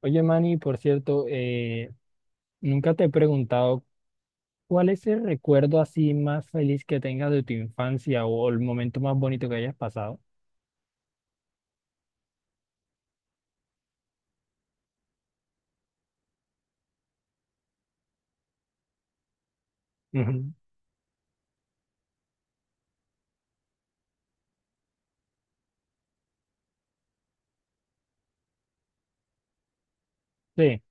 Oye, Manny, por cierto, nunca te he preguntado cuál es el recuerdo así más feliz que tengas de tu infancia o el momento más bonito que hayas pasado. Ujú. Sí,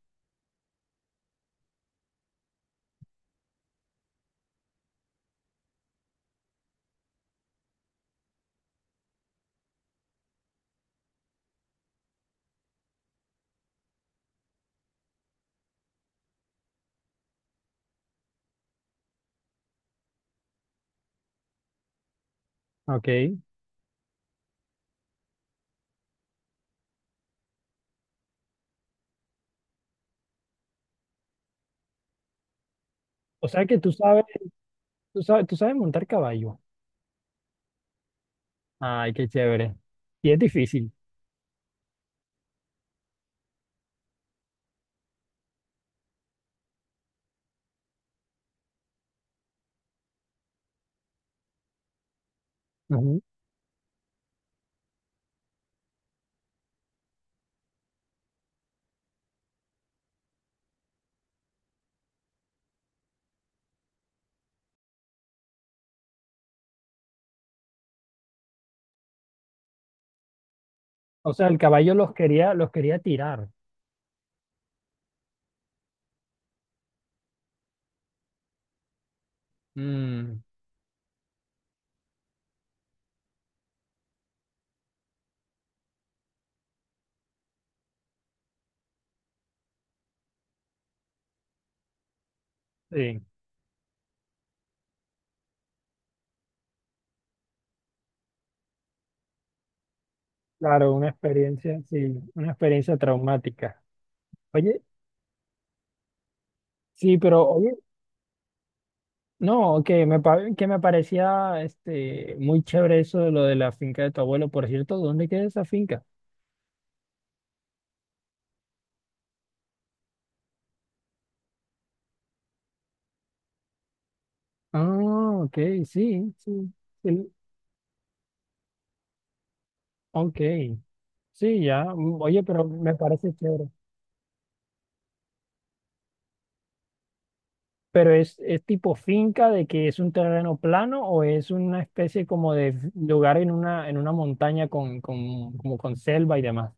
ok. O sea que tú sabes montar caballo. Ay, qué chévere. Y es difícil. Ujú. O sea, el caballo los quería tirar. Mm, sí, claro, una experiencia traumática. Oye, sí, pero oye, no, que me, que me parecía muy chévere eso de lo de la finca de tu abuelo. Por cierto, ¿dónde queda esa finca? Ah, ok, sí, sí. El... ok, sí, ya. Oye, pero me parece chévere. ¿Pero es tipo finca de que es un terreno plano o es una especie como de lugar en una montaña con, como con selva y demás?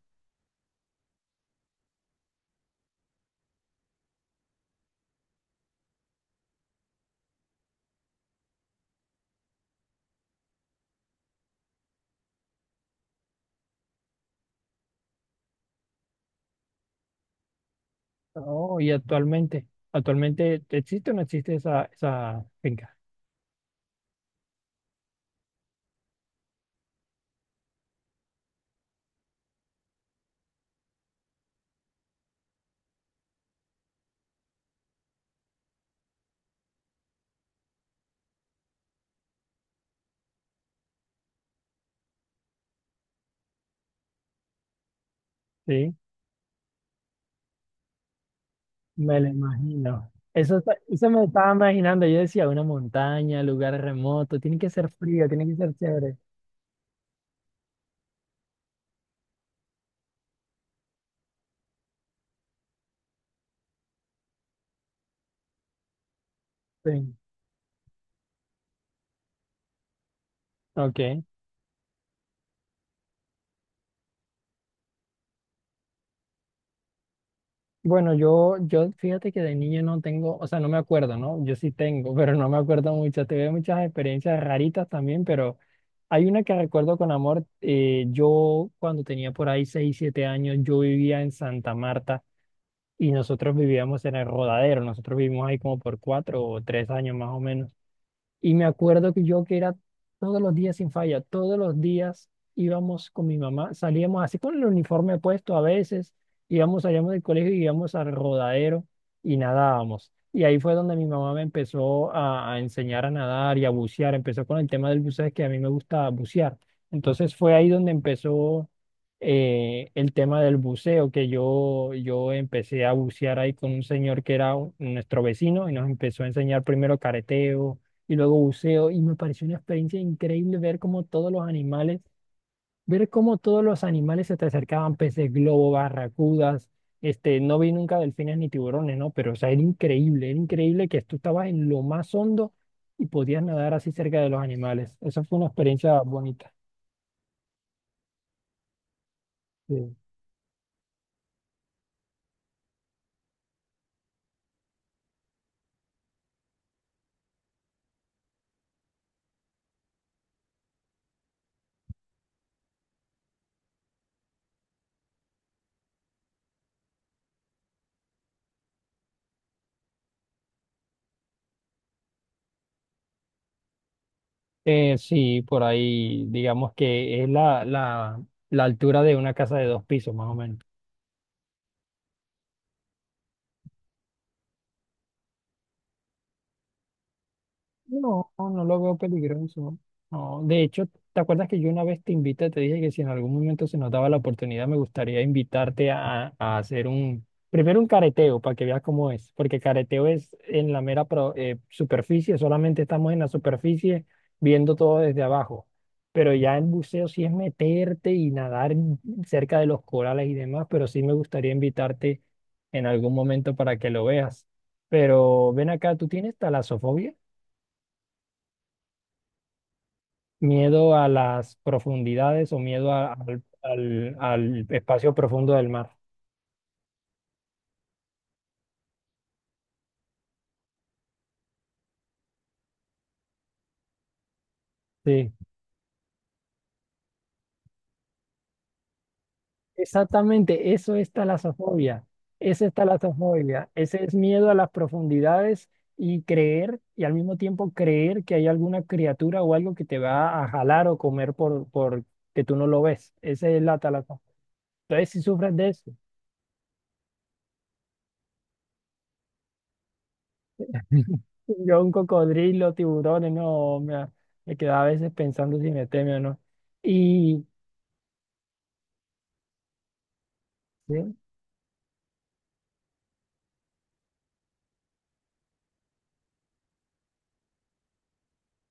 Oh, actualmente, ¿existe o no existe esa finca? Sí. Me lo imagino. Eso, eso me estaba imaginando. Yo decía, una montaña, lugar remoto, tiene que ser frío, tiene que ser chévere. Sí. Ok. Bueno, yo fíjate que de niño no tengo, o sea, no me acuerdo, ¿no? Yo sí tengo, pero no me acuerdo mucho. Tuve muchas experiencias raritas también, pero hay una que recuerdo con amor. Yo cuando tenía por ahí 6 7 años, yo vivía en Santa Marta y nosotros vivíamos en el Rodadero. Nosotros vivimos ahí como por cuatro o tres años más o menos. Y me acuerdo que yo que era todos los días sin falla, todos los días íbamos con mi mamá, salíamos así con el uniforme puesto a veces, íbamos, salíamos del colegio y íbamos al rodadero y nadábamos. Y ahí fue donde mi mamá me empezó a enseñar a nadar y a bucear, empezó con el tema del buceo, que a mí me gusta bucear. Entonces fue ahí donde empezó el tema del buceo, que yo empecé a bucear ahí con un señor que era nuestro vecino y nos empezó a enseñar primero careteo y luego buceo y me pareció una experiencia increíble ver cómo todos los animales, ver cómo todos los animales se te acercaban, peces globo, barracudas, no vi nunca delfines ni tiburones, ¿no? Pero o sea, era increíble que tú estabas en lo más hondo y podías nadar así cerca de los animales. Esa fue una experiencia bonita. Sí. Sí, por ahí digamos que es la altura de una casa de dos pisos, más o menos. No, no lo veo peligroso. No, de hecho, ¿te acuerdas que yo una vez te invité, te dije que si en algún momento se nos daba la oportunidad, me gustaría invitarte a hacer un, primero un careteo para que veas cómo es, porque careteo es en la mera superficie, solamente estamos en la superficie viendo todo desde abajo, pero ya en buceo sí es meterte y nadar en... cerca de los corales y demás, pero sí me gustaría invitarte en algún momento para que lo veas. Pero ven acá, ¿tú tienes talasofobia? Miedo a las profundidades o miedo al espacio profundo del mar. Sí, exactamente, eso es talasofobia. Esa es talasofobia. Ese es miedo a las profundidades y creer, y al mismo tiempo creer que hay alguna criatura o algo que te va a jalar o comer por que tú no lo ves. Esa es la talasofobia. Entonces, si sufres de eso, yo un cocodrilo, tiburones, no, me quedaba a veces pensando si me teme o no. Y. ¿Sí?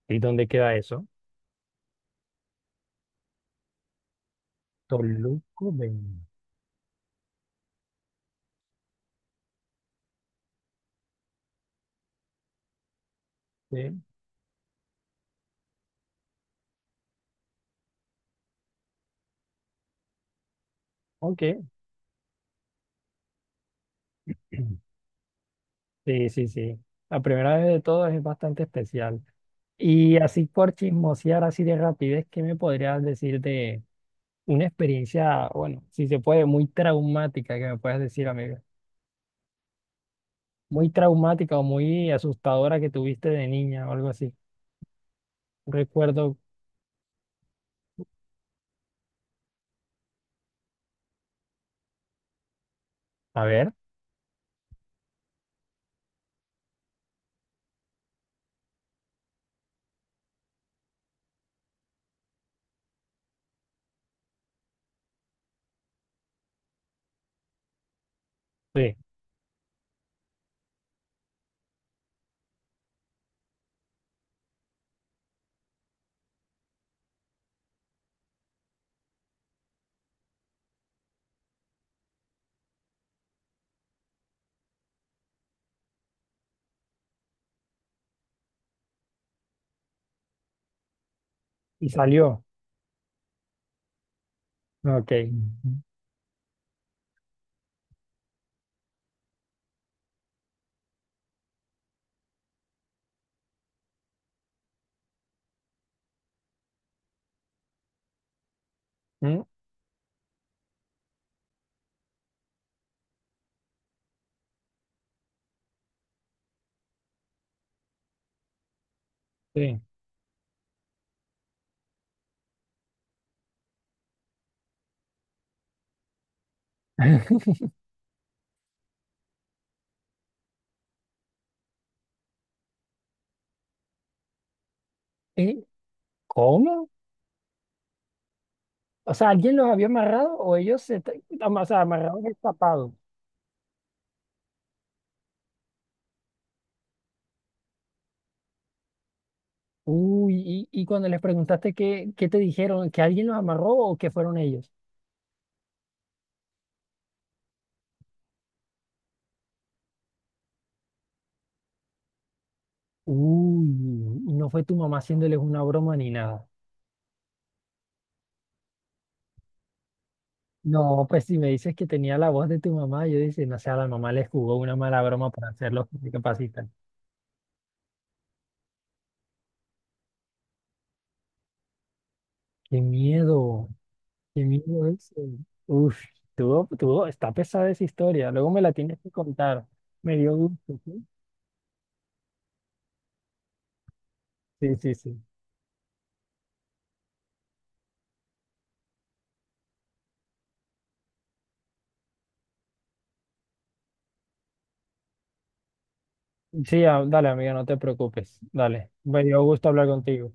¿Y dónde queda eso? Toluco 20. Ok. Sí, sí, sí. La primera vez de todo es bastante especial. Y así por chismosear, así de rapidez, ¿qué me podrías decir de una experiencia, bueno, si se puede, muy traumática, que me puedas decir, amiga? Muy traumática o muy asustadora que tuviste de niña o algo así. Recuerdo, a ver, sí, y salió. Ok. Mm, sí. ¿Y cómo? O sea, ¿alguien los había amarrado o ellos o sea, amarrados y tapados? Uy, y cuando les preguntaste qué te dijeron, ¿que alguien los amarró o que fueron ellos? Uy, y no fue tu mamá haciéndoles una broma ni nada. No, pues si me dices que tenía la voz de tu mamá, yo dice, no sé, a la mamá les jugó una mala broma para hacerlos discapacitar. Qué miedo, qué miedo eso. Uf, está pesada esa historia. Luego me la tienes que contar. Me dio gusto. Sí, sí, sí, sí. Sí, dale, amiga, no te preocupes. Dale. Me dio gusto hablar contigo.